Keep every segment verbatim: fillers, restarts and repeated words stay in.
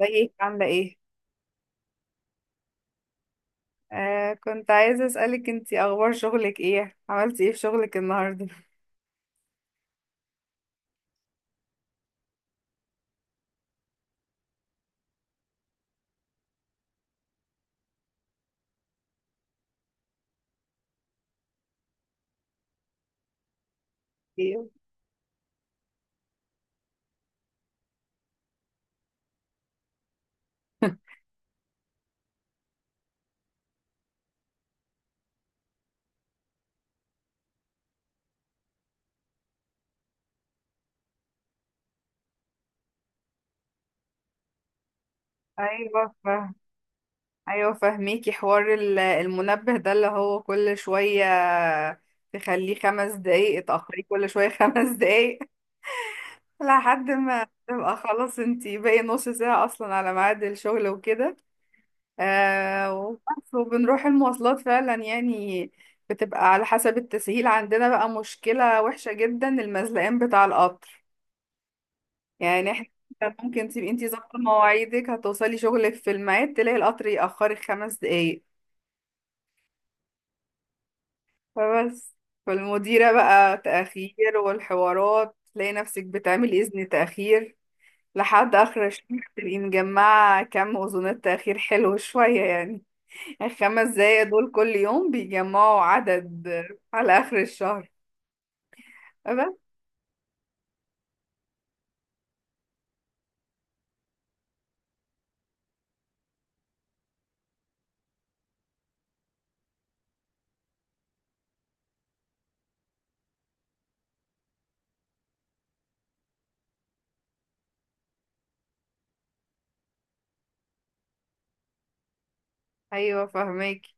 ازيك عاملة ايه؟ آه كنت عايزة اسألك انتي اخبار شغلك ايه؟ عملتي ايه في شغلك النهاردة؟ ايوه ايوه فاهم. ايوه فاهميكي حوار ال- المنبه ده اللي هو كل شوية تخليه خمس دقايق اتأخري كل شوية خمس دقايق. لحد ما تبقى خلاص انتي باقي نص ساعة اصلا على ميعاد الشغل وكده. آه وبس وبنروح المواصلات فعلا يعني بتبقى على حسب التسهيل، عندنا بقى مشكلة وحشة جدا المزلقين بتاع القطر، يعني احنا كان ممكن تبقي انتي ظابطة مواعيدك هتوصلي شغلك في الميعاد تلاقي القطر يأخرك خمس دقايق. فبس فالمديرة بقى تأخير والحوارات، تلاقي نفسك بتعملي إذن تأخير لحد آخر الشهر، تبقي مجمعة كم أذونات تأخير حلو شوية يعني. الخمس دقايق دول كل يوم بيجمعوا عدد على آخر الشهر. بس أيوة فهماكي.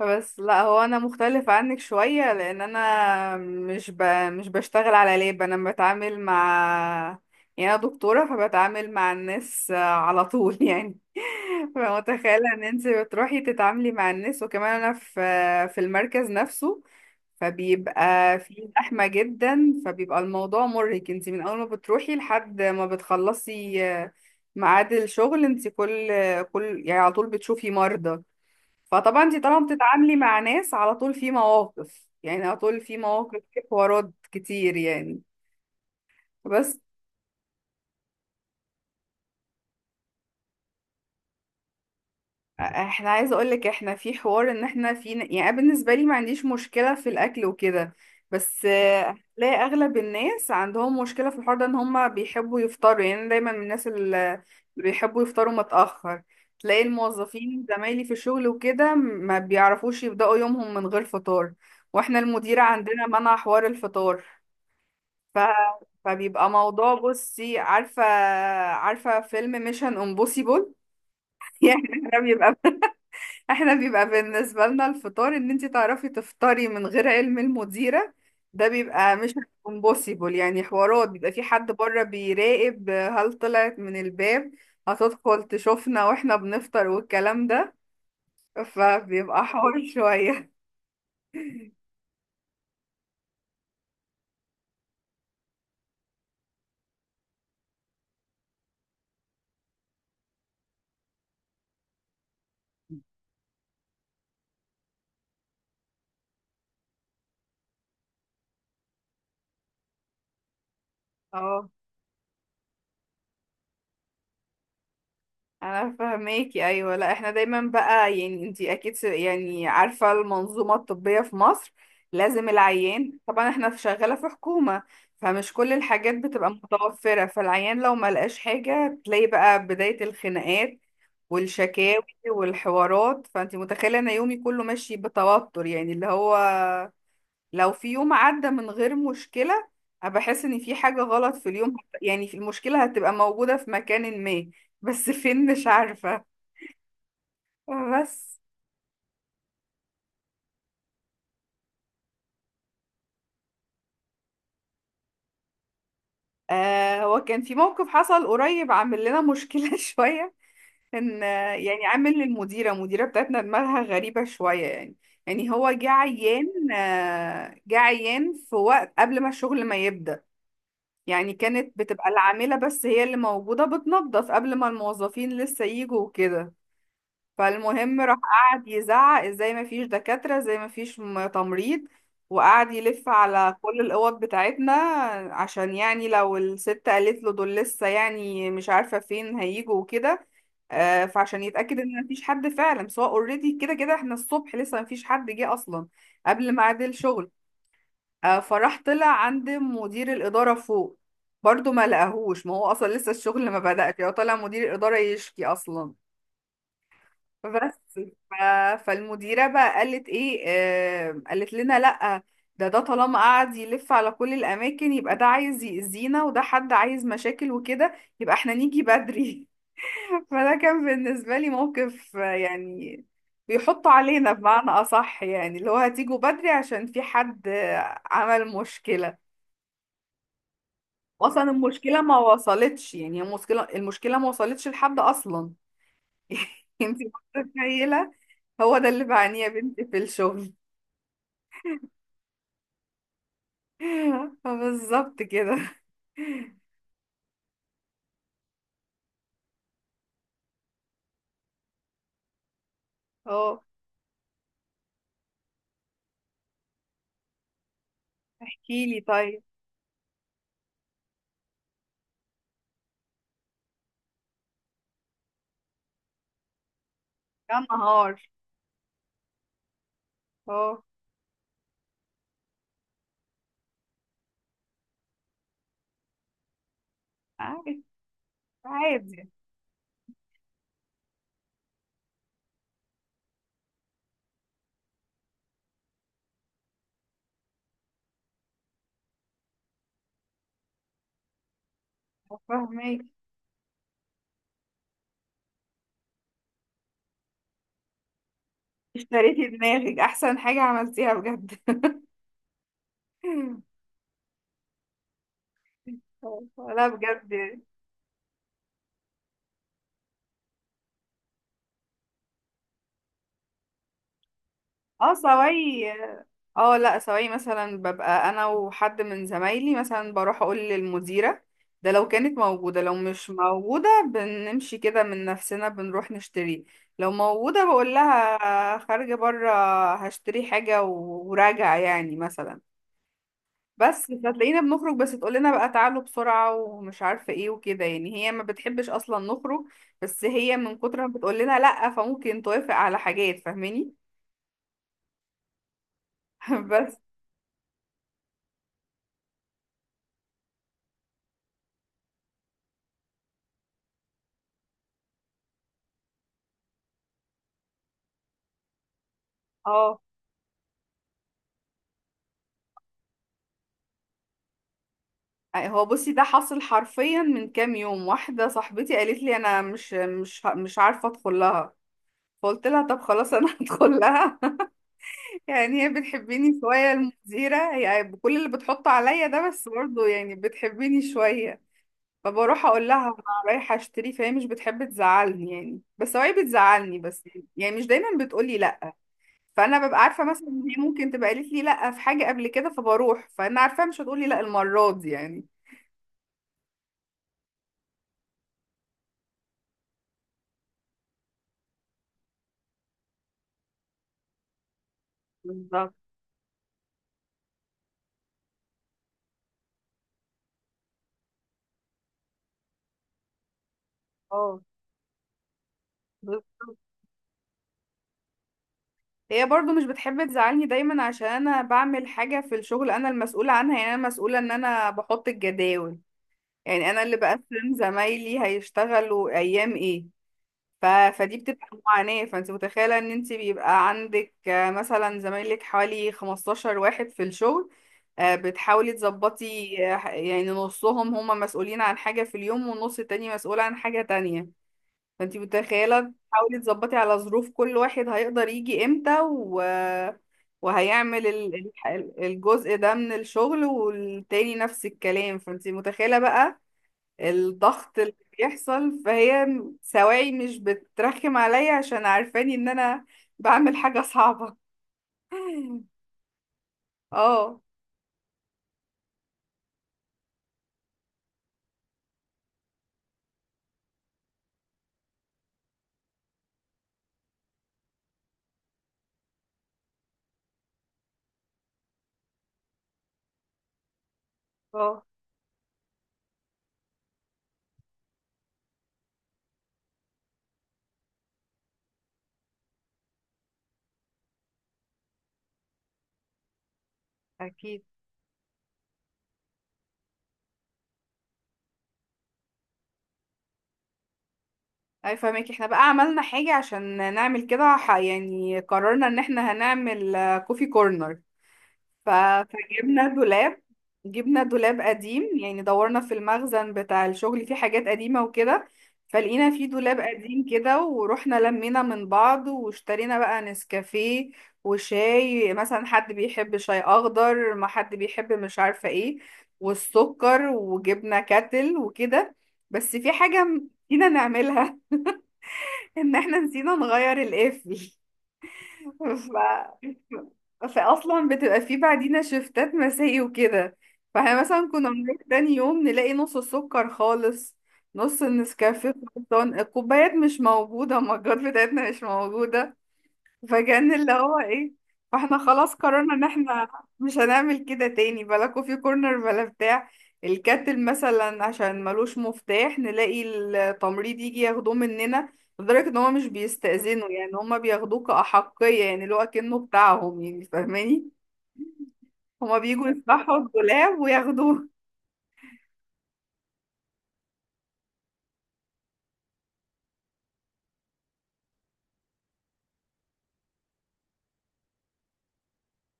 بس لا هو انا مختلف عنك شوية لان انا مش ب... مش بشتغل على لاب، انا بتعامل مع يعني انا دكتورة فبتعامل مع الناس آه، على طول يعني. فمتخيلة ان انت بتروحي تتعاملي مع الناس، وكمان انا في في المركز نفسه فبيبقى في زحمة جدا، فبيبقى الموضوع مرهق انت من اول ما بتروحي لحد ما بتخلصي آه، ميعاد الشغل، انت كل كل يعني على طول بتشوفي مرضى. فطبعا انت طبعا بتتعاملي مع ناس على طول، في مواقف يعني على طول في مواقف في حوارات كتير يعني. بس احنا عايزه اقول لك احنا في حوار ان احنا في يعني أنا بالنسبه لي ما عنديش مشكله في الاكل وكده، بس آه، هتلاقي اغلب الناس عندهم مشكله في الحوار ده، ان هم بيحبوا يفطروا. يعني أنا دايما من الناس اللي بيحبوا يفطروا متاخر، تلاقي الموظفين زمايلي في الشغل وكده ما بيعرفوش يبداوا يومهم من غير فطار، واحنا المديره عندنا منع حوار الفطار. ف... فبيبقى موضوع، بصي عارفة عارفة فيلم ميشن امبوسيبل؟ يعني احنا بيبقى احنا بيبقى بالنسبة لنا الفطار، ان انت تعرفي تفطري من غير علم المديرة ده بيبقى ميشن امبوسيبل. يعني حوارات بيبقى في حد بره بيراقب هل طلعت من الباب، هتدخل تشوفنا واحنا بنفطر والكلام ده، فبيبقى حوار شوية. اه انا فهماكي، ايوه لا احنا دايما بقى يعني انتي اكيد س- يعني عارفه المنظومه الطبيه في مصر، لازم العيان طبعا. احنا في شغاله في حكومه فمش كل الحاجات بتبقى متوفره، فالعيان لو ما لقاش حاجه تلاقي بقى بدايه الخناقات والشكاوي والحوارات. فانتي متخيله ان يومي كله ماشي بتوتر، يعني اللي هو لو في يوم عدى من غير مشكله أنا بحس ان في حاجه غلط في اليوم، يعني في المشكله هتبقى موجوده في مكان ما بس فين مش عارفه. بس آه، هو كان في موقف حصل قريب عامل لنا مشكلة شوية، كان آه، يعني عامل للمديرة، المديرة بتاعتنا دماغها غريبة شوية يعني. يعني هو جه عيان آه، جه عيان في وقت قبل ما الشغل ما يبدأ، يعني كانت بتبقى العاملة بس هي اللي موجودة بتنظف قبل ما الموظفين لسه يجوا وكده. فالمهم راح قعد يزعق ازاي ما فيش دكاترة، ازاي ما فيش م- تمريض، وقعد يلف على كل الأوض بتاعتنا عشان يعني لو الست قالت له دول لسه يعني مش عارفة فين هيجوا وكده. آه، فعشان يتأكد ان مفيش حد فعلا، سواء اوريدي كده كده احنا الصبح لسه مفيش حد جه اصلا قبل ميعاد الشغل. آه، فراح طلع عند مدير الإدارة فوق، برضه ما لقاهوش ما هو اصلا لسه الشغل ما بدأش، هو طلع مدير الإدارة يشكي اصلا. بس ف... فالمديرة بقى قالت ايه، آه قالت لنا لأ، ده ده طالما قعد يلف على كل الأماكن يبقى ده عايز يأذينا وده حد عايز مشاكل وكده، يبقى احنا نيجي بدري. فده كان بالنسبة لي موقف آه، يعني بيحطوا علينا بمعنى أصح، يعني اللي هو هتيجوا بدري عشان في حد آه، عمل مشكلة. أصلا المشكلة ما وصلتش، يعني المشكلة المشكلة ما وصلتش لحد أصلا. انتي متخيلة؟ هو ده اللي بعانيه يا بنتي في الشغل. بالظبط كده. اه احكيلي طيب. يا نهار. اه. عادي. عادي. فاهمك. اشتريتي دماغك، احسن حاجة عملتيها بجد. لا بجد. اه سواي. اه لا سواي مثلا ببقى انا وحد من زمايلي مثلا، بروح اقول للمديرة ده لو كانت موجودة، لو مش موجودة بنمشي كده من نفسنا بنروح نشتري. لو موجودة بقول لها خارجة برا، هشتري حاجة و- وراجع يعني مثلا. بس فتلاقينا بنخرج بس تقول لنا بقى تعالوا بسرعة ومش عارفة ايه وكده، يعني هي ما بتحبش اصلا نخرج بس هي من كتر ما بتقول لنا لا فممكن توافق على حاجات، فاهماني؟ بس اه. هو بصي ده حصل حرفيا من كام يوم، واحدة صاحبتي قالت لي انا مش مش مش عارفة ادخل لها، فقلت لها طب خلاص انا هدخل لها. يعني هي بتحبني شوية المديرة، هي بكل اللي بتحطه عليا ده بس برضه يعني بتحبني شوية. فبروح اقول لها انا رايحة اشتري، فهي مش بتحب تزعلني يعني، بس هو هي بتزعلني بس يعني مش دايما بتقولي لا. فانا ببقى عارفة مثلا ان هي ممكن تبقى قالت لي لا في حاجة قبل كده، فبروح فانا عارفة مش هتقولي لا المرة دي يعني. بالظبط. اه هي برضو مش بتحب تزعلني دايما عشان انا بعمل حاجة في الشغل انا المسؤولة عنها، يعني انا مسؤولة ان انا بحط الجداول، يعني انا اللي بقسم زمايلي هيشتغلوا ايام ايه. ف... فدي بتبقى معاناة، فانت متخيلة ان انت بيبقى عندك آه، مثلا زمايلك حوالي خمستاشر واحد في الشغل، آه، بتحاولي تظبطي آه، يعني نصهم هما مسؤولين عن حاجة في اليوم والنص التاني مسؤول عن حاجة تانية. فانتي متخيلة تحاولي تظبطي على ظروف كل واحد هيقدر يجي امتى و... وهيعمل ال- ال- الجزء ده من الشغل، والتاني نفس الكلام. فانتي متخيلة بقى الضغط اللي بيحصل، فهي سواعي مش بترخم عليا عشان عارفاني ان انا بعمل حاجة صعبة. اه. اه اكيد. اي فاهمك. احنا بقى عملنا حاجة عشان نعمل كده، ح- يعني قررنا ان احنا هنعمل آه، كوفي كورنر. ف- فجبنا دولاب، جبنا دولاب قديم يعني دورنا في المخزن بتاع الشغل فيه حاجات قديمة وكده، فلقينا فيه دولاب قديم كده، ورحنا لمينا من بعض واشترينا بقى نسكافيه وشاي مثلا، حد بيحب شاي اخضر، ما حد بيحب مش عارفة ايه، والسكر، وجبنا كاتل وكده. بس في حاجة نسينا نعملها، ان احنا نسينا نغير القفل. ف... فاصلا بتبقى في بعدينا شفتات مسائي وكده، فاحنا مثلا كنا بنروح تاني يوم نلاقي نص السكر خالص، نص النسكافيه خلصان، الكوبايات مش موجودة، المجات بتاعتنا مش موجودة. فكان اللي هو ايه، فاحنا خلاص قررنا ان احنا مش هنعمل كده تاني، بلا كوفي كورنر بلا بتاع. الكاتل مثلا عشان ملوش مفتاح نلاقي التمريض يجي ياخدوه مننا، لدرجة ان هما مش بيستأذنوا يعني، هما بياخدوه كأحقية يعني اللي هو كأنه بتاعهم، يعني فاهماني، هما بيجوا يفتحوا الدولاب وياخدوه.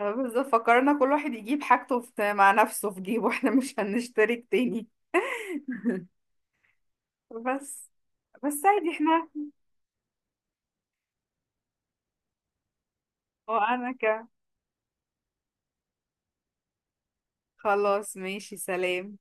بس فكرنا كل واحد يجيب حاجته في- مع نفسه في جيبه، احنا مش هنشترك تاني. بس. بس عادي احنا. وانا كمان. خلاص ماشي سلام.